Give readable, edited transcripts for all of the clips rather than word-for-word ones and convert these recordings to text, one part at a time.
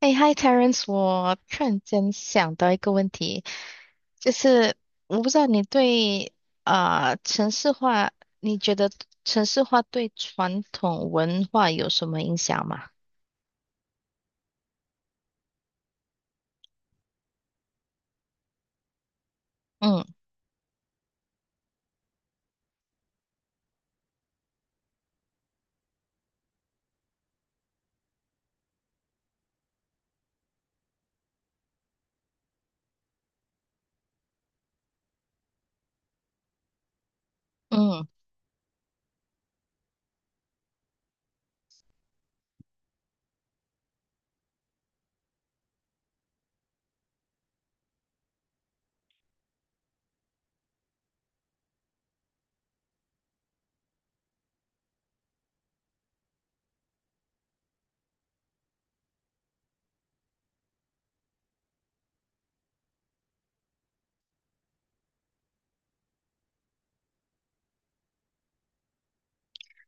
哎，Hi Terence，我突然间想到一个问题，就是我不知道你对城市化，你觉得城市化对传统文化有什么影响吗？嗯嗯，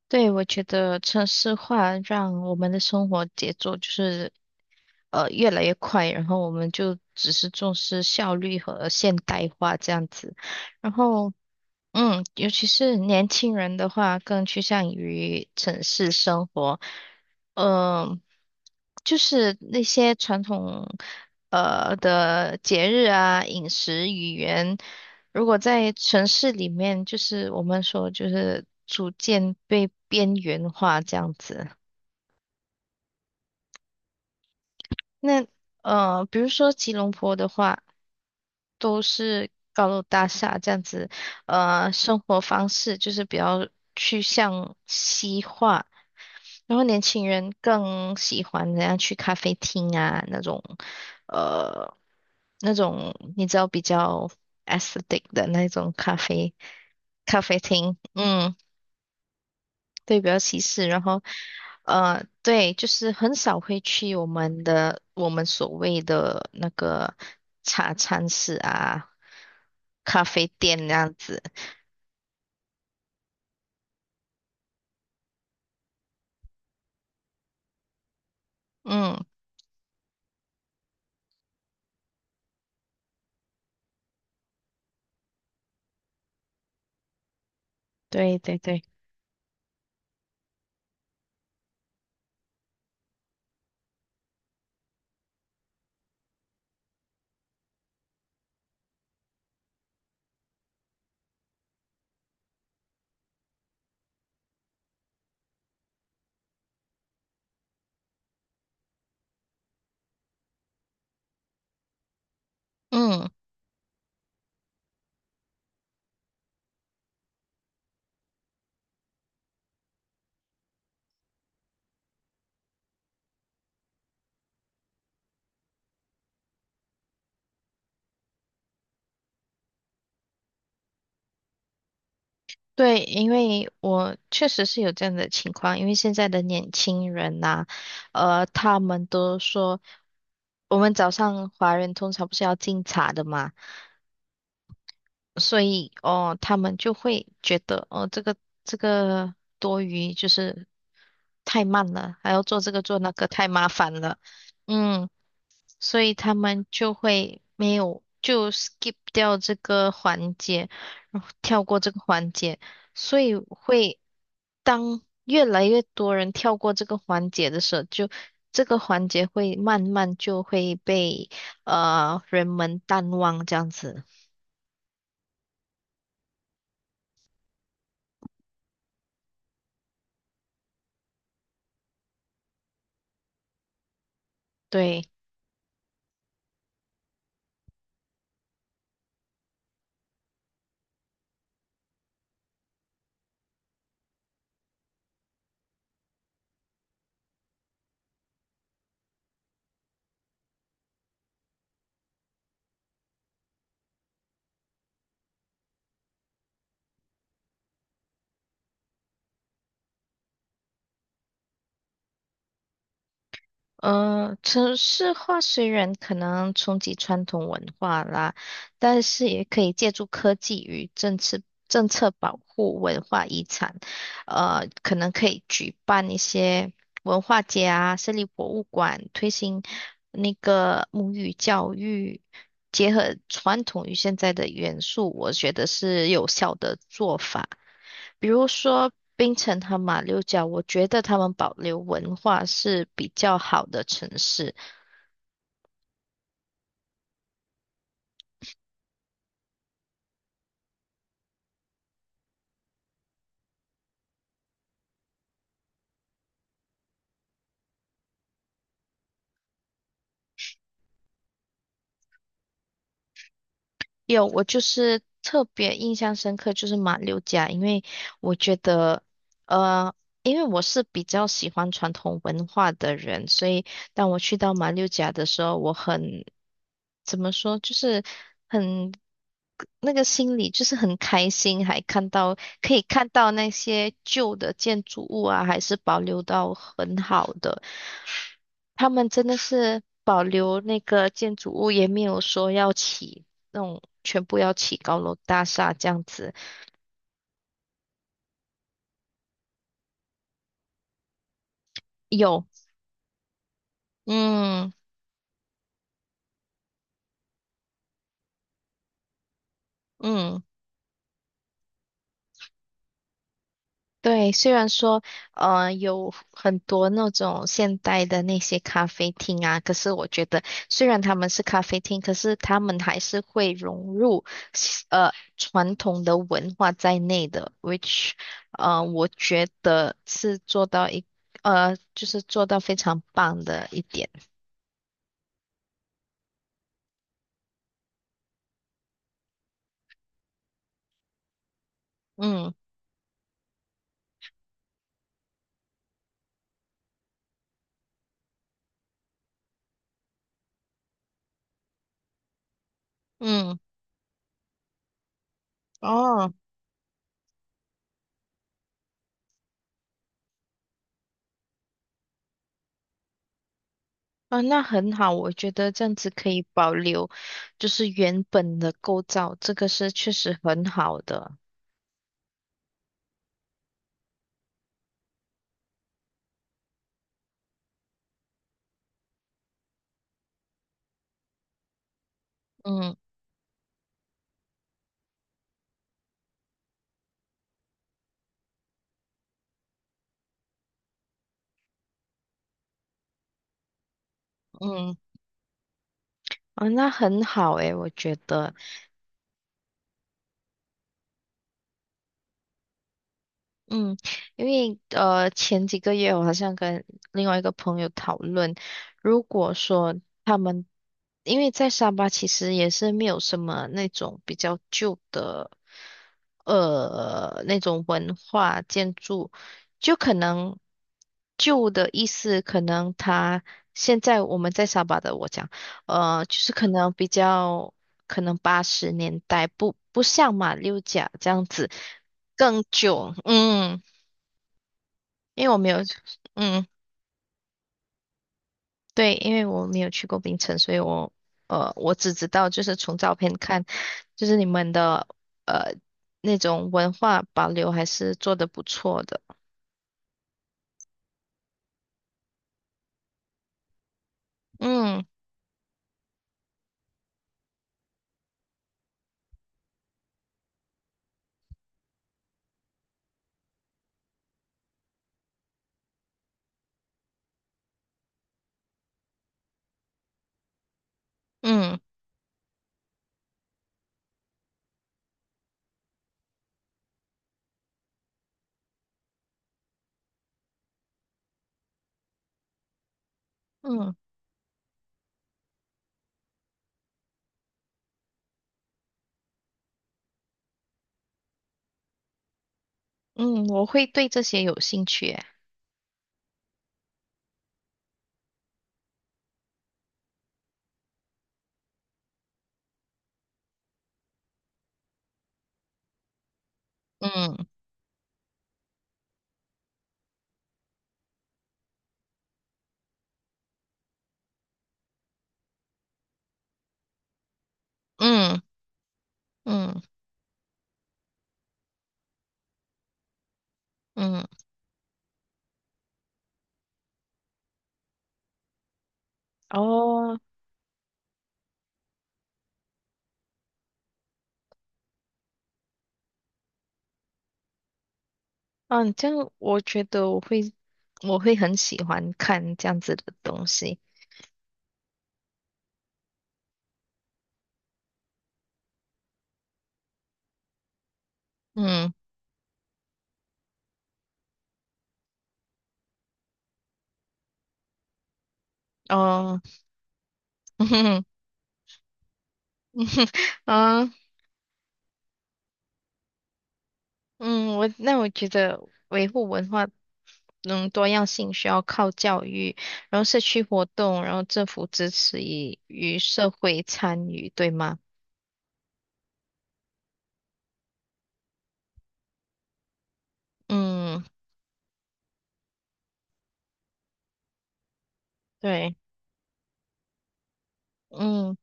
对，我觉得城市化让我们的生活节奏就是越来越快，然后我们就只是重视效率和现代化这样子，然后。嗯，尤其是年轻人的话，更趋向于城市生活。嗯、就是那些传统的节日啊、饮食、语言，如果在城市里面，就是我们说就是逐渐被边缘化这样子。那呃，比如说吉隆坡的话，都是高楼大厦这样子，呃，生活方式就是比较趋向西化，然后年轻人更喜欢怎样去咖啡厅啊那种，呃，那种你知道比较 aesthetic 的那种咖啡厅，嗯对，比较歧视。然后，呃，对，就是很少会去我们的所谓的那个茶餐室啊、咖啡店那样子。嗯，对对对，嗯，对，因为我确实是有这样的情况，因为现在的年轻人呐、呃，他们都说，我们早上华人通常不是要敬茶的嘛。所以哦，他们就会觉得哦，这个多余，就是太慢了，还要做这个做那个，太麻烦了。嗯，所以他们就会没有就 skip 掉这个环节，然后跳过这个环节，所以会当越来越多人跳过这个环节的时候，就这个环节会慢慢就会被人们淡忘这样子，对。呃，城市化虽然可能冲击传统文化啦，但是也可以借助科技与政策保护文化遗产。呃，可能可以举办一些文化节啊，设立博物馆，推行那个母语教育，结合传统与现在的元素，我觉得是有效的做法。比如说槟城和马六甲，我觉得他们保留文化是比较好的城市，有，我就是特别印象深刻，就是马六甲，因为我觉得，呃，因为我是比较喜欢传统文化的人，所以当我去到马六甲的时候，我很，怎么说，就是很，那个心里就是很开心，还看到，可以看到那些旧的建筑物啊，还是保留到很好的。他们真的是保留那个建筑物，也没有说要起那种全部要起高楼大厦这样子。有，嗯嗯。对，虽然说，呃，有很多那种现代的那些咖啡厅啊，可是我觉得，虽然他们是咖啡厅，可是他们还是会融入呃，传统的文化在内的，which，呃，我觉得是做到一，呃，就是做到非常棒的一点。嗯嗯，哦，啊，那很好，我觉得这样子可以保留，就是原本的构造，这个是确实很好的。嗯。嗯，哦，那很好诶，我觉得，嗯，因为呃前几个月我好像跟另外一个朋友讨论，如果说他们因为在沙巴其实也是没有什么那种比较旧的呃那种文化建筑，就可能旧的意思可能他现在我们在沙巴的我讲，呃就是可能比较可能80年代不像马六甲这样子。更久，嗯，因为我没有，嗯，对，因为我没有去过槟城，所以我，呃，我只知道就是从照片看，就是你们的呃那种文化保留还是做得不错的，嗯嗯嗯嗯，我会对这些有兴趣耶，嗯嗯嗯嗯，哦，嗯，这样我觉得我会我会很喜欢看这样子的东西，嗯哦，嗯哼，嗯。啊嗯，我那我觉得维护文化嗯多样性需要靠教育，然后社区活动，然后政府支持与社会参与，对吗？嗯，对，嗯，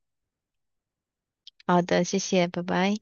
好的，谢谢，拜拜。